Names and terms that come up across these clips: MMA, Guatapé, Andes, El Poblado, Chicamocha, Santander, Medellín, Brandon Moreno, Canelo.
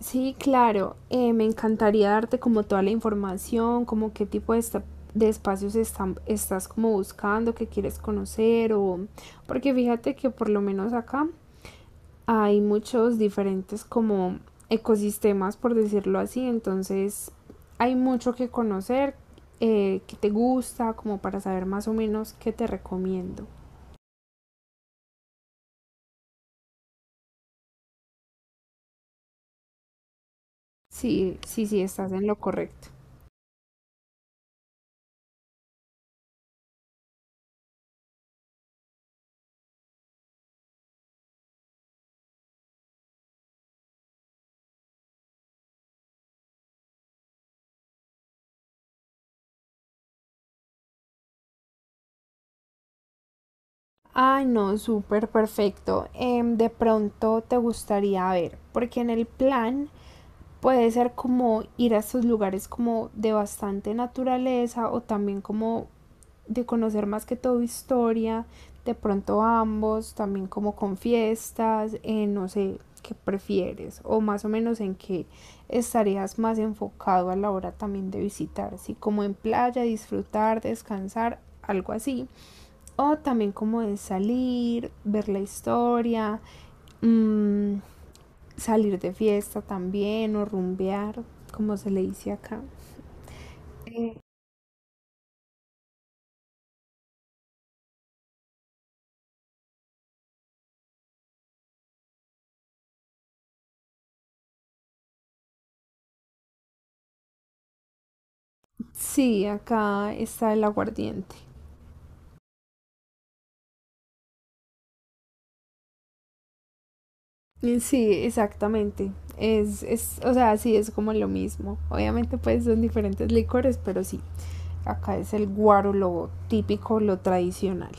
Sí, claro, me encantaría darte como toda la información, como qué tipo de, de espacios están, estás como buscando, que quieres conocer o... Porque fíjate que por lo menos acá hay muchos diferentes como ecosistemas, por decirlo así, entonces hay mucho que conocer, que te gusta, como para saber más o menos qué te recomiendo. Sí, sí, sí, estás en lo correcto. Ay, no, súper perfecto. De pronto te gustaría ver, porque en el plan puede ser como ir a estos lugares como de bastante naturaleza o también como de conocer más que todo historia, de pronto ambos, también como con fiestas, no sé qué prefieres o más o menos en qué estarías más enfocado a la hora también de visitar, si como en playa, disfrutar, descansar, algo así. O también como de salir, ver la historia, mmm, salir de fiesta también o rumbear, como se le dice acá. Sí, acá está el aguardiente. Sí, exactamente. Es, o sea, sí, es como lo mismo. Obviamente, pues son diferentes licores, pero sí, acá es el guaro, lo típico, lo tradicional.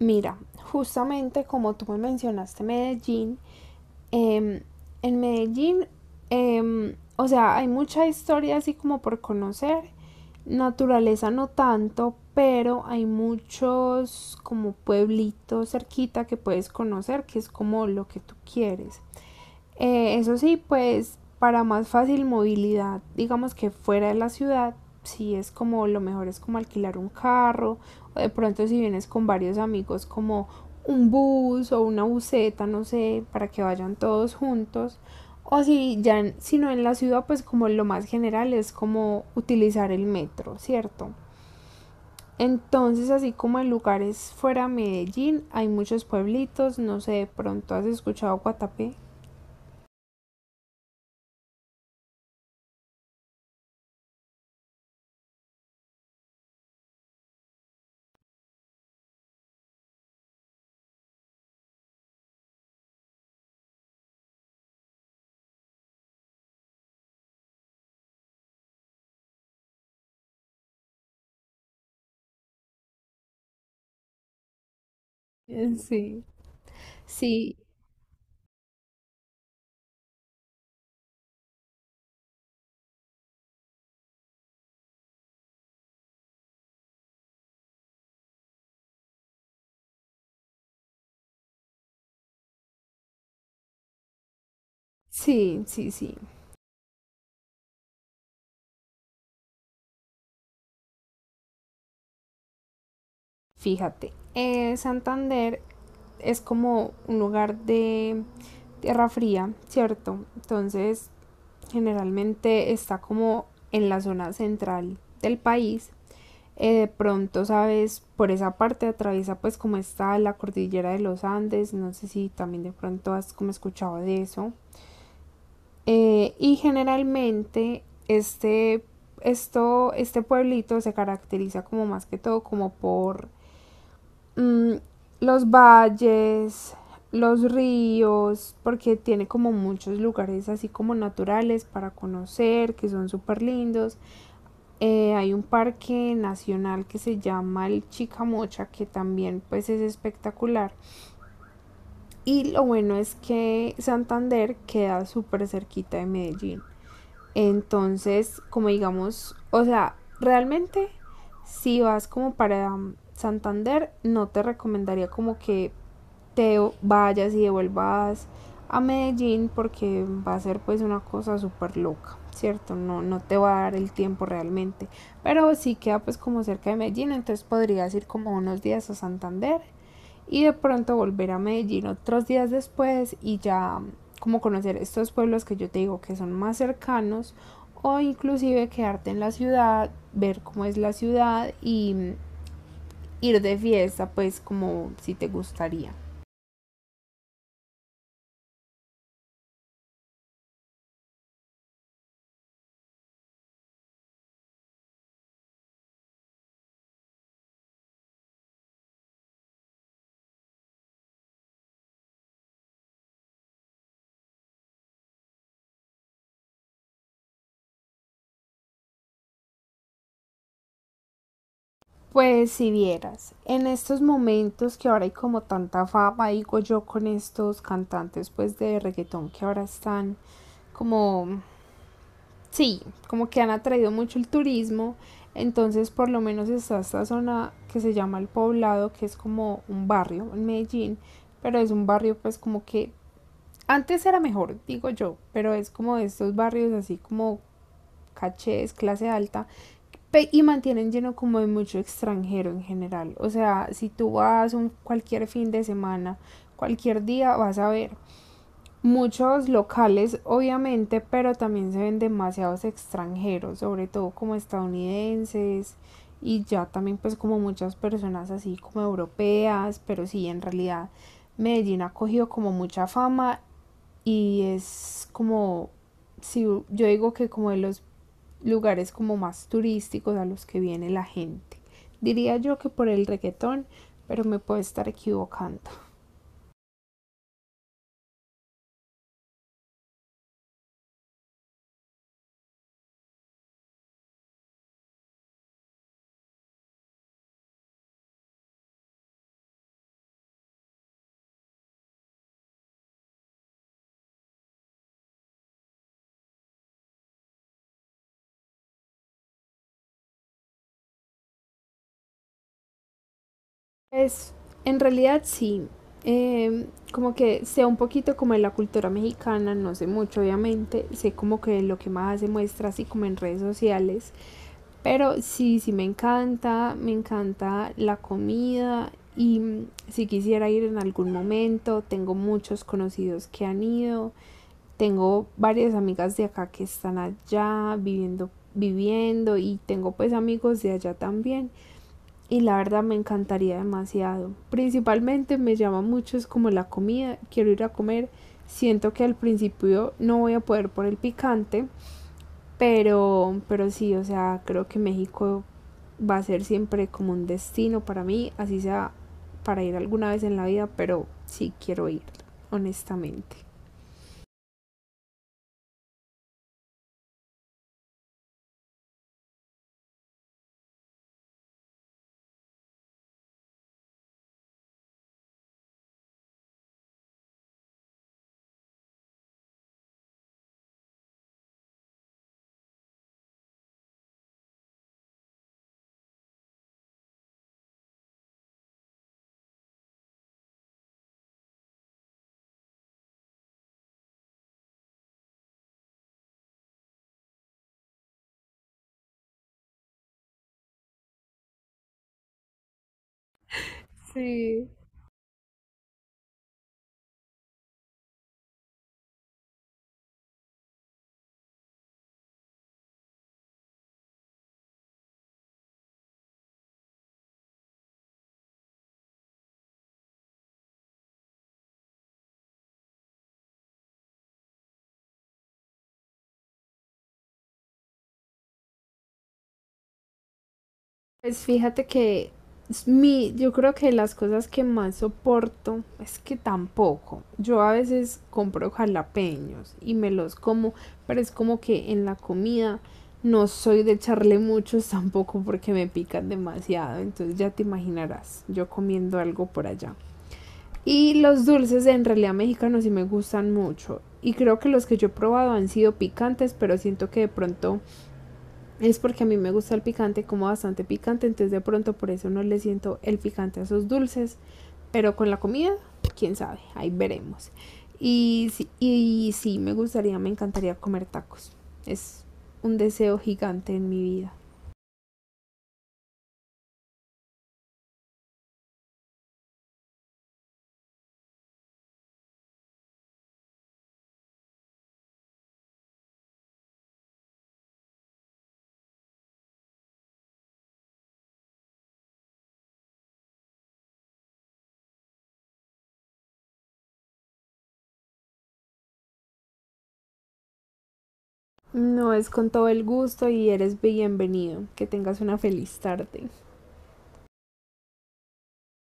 Mira, justamente como tú me mencionaste Medellín, em, en Medellín, o sea, hay mucha historia así como por conocer, naturaleza no tanto, pero hay muchos como pueblitos cerquita que puedes conocer, que es como lo que tú quieres. Eso sí, pues para más fácil movilidad, digamos que fuera de la ciudad, si es como lo mejor es como alquilar un carro, o de pronto si vienes con varios amigos como un bus o una buseta, no sé, para que vayan todos juntos. O si ya, si no en la ciudad, pues como lo más general es como utilizar el metro, ¿cierto? Entonces, así como en lugares fuera de Medellín, hay muchos pueblitos, no sé, de pronto has escuchado Guatapé. Sí. Sí, sí, sí, sí. Fíjate, Santander es como un lugar de tierra fría, ¿cierto? Entonces, generalmente está como en la zona central del país. De pronto, sabes, por esa parte atraviesa pues como está la cordillera de los Andes. No sé si también de pronto has como escuchado de eso. Y generalmente este, este pueblito se caracteriza como más que todo como por mm, los valles, los ríos, porque tiene como muchos lugares así como naturales para conocer, que son súper lindos. Hay un parque nacional que se llama el Chicamocha, que también pues es espectacular. Y lo bueno es que Santander queda súper cerquita de Medellín. Entonces, como digamos, o sea, realmente si vas como para Santander, no te recomendaría como que te vayas y devuelvas a Medellín porque va a ser pues una cosa súper loca, ¿cierto? No, no te va a dar el tiempo realmente, pero sí queda pues como cerca de Medellín, entonces podrías ir como unos días a Santander y de pronto volver a Medellín otros días después y ya como conocer estos pueblos que yo te digo que son más cercanos o inclusive quedarte en la ciudad, ver cómo es la ciudad y ir de fiesta pues como si te gustaría. Pues si vieras, en estos momentos que ahora hay como tanta fama, digo yo, con estos cantantes pues de reggaetón que ahora están como, sí, como que han atraído mucho el turismo, entonces por lo menos está esta zona que se llama El Poblado, que es como un barrio en Medellín, pero es un barrio pues como que antes era mejor, digo yo, pero es como de estos barrios así como cachés, clase alta, y mantienen lleno como de mucho extranjero en general. O sea, si tú vas un cualquier fin de semana, cualquier día, vas a ver muchos locales, obviamente, pero también se ven demasiados extranjeros, sobre todo como estadounidenses y ya también pues como muchas personas así como europeas, pero sí, en realidad Medellín ha cogido como mucha fama y es como, si yo digo que como de los lugares como más turísticos a los que viene la gente. Diría yo que por el reggaetón, pero me puedo estar equivocando. Pues en realidad sí, eh, como que sea un poquito como en la cultura mexicana, no sé mucho obviamente, sé como que lo que más se muestra así como en redes sociales, pero sí, sí me encanta la comida y si quisiera ir en algún momento, tengo muchos conocidos que han ido Tengo varias amigas de acá que están allá viviendo, viviendo y tengo pues amigos de allá también. Y la verdad me encantaría demasiado. Principalmente me llama mucho es como la comida. Quiero ir a comer. Siento que al principio no voy a poder por el picante, pero sí, o sea, creo que México va a ser siempre como un destino para mí, así sea para ir alguna vez en la vida, pero sí quiero ir, honestamente. Sí, pues fíjate que es mi, yo creo que las cosas que más soporto es que tampoco. Yo a veces compro jalapeños y me los como, pero es como que en la comida no soy de echarle muchos tampoco porque me pican demasiado. Entonces ya te imaginarás, yo comiendo algo por allá. Y los dulces en realidad mexicanos sí me gustan mucho. Y creo que los que yo he probado han sido picantes, pero siento que de pronto es porque a mí me gusta el picante, como bastante picante, entonces de pronto por eso no le siento el picante a esos dulces. Pero con la comida, quién sabe, ahí veremos. Y, y sí, me gustaría, me encantaría comer tacos. Es un deseo gigante en mi vida. No es con todo el gusto y eres bienvenido. Que tengas una feliz tarde.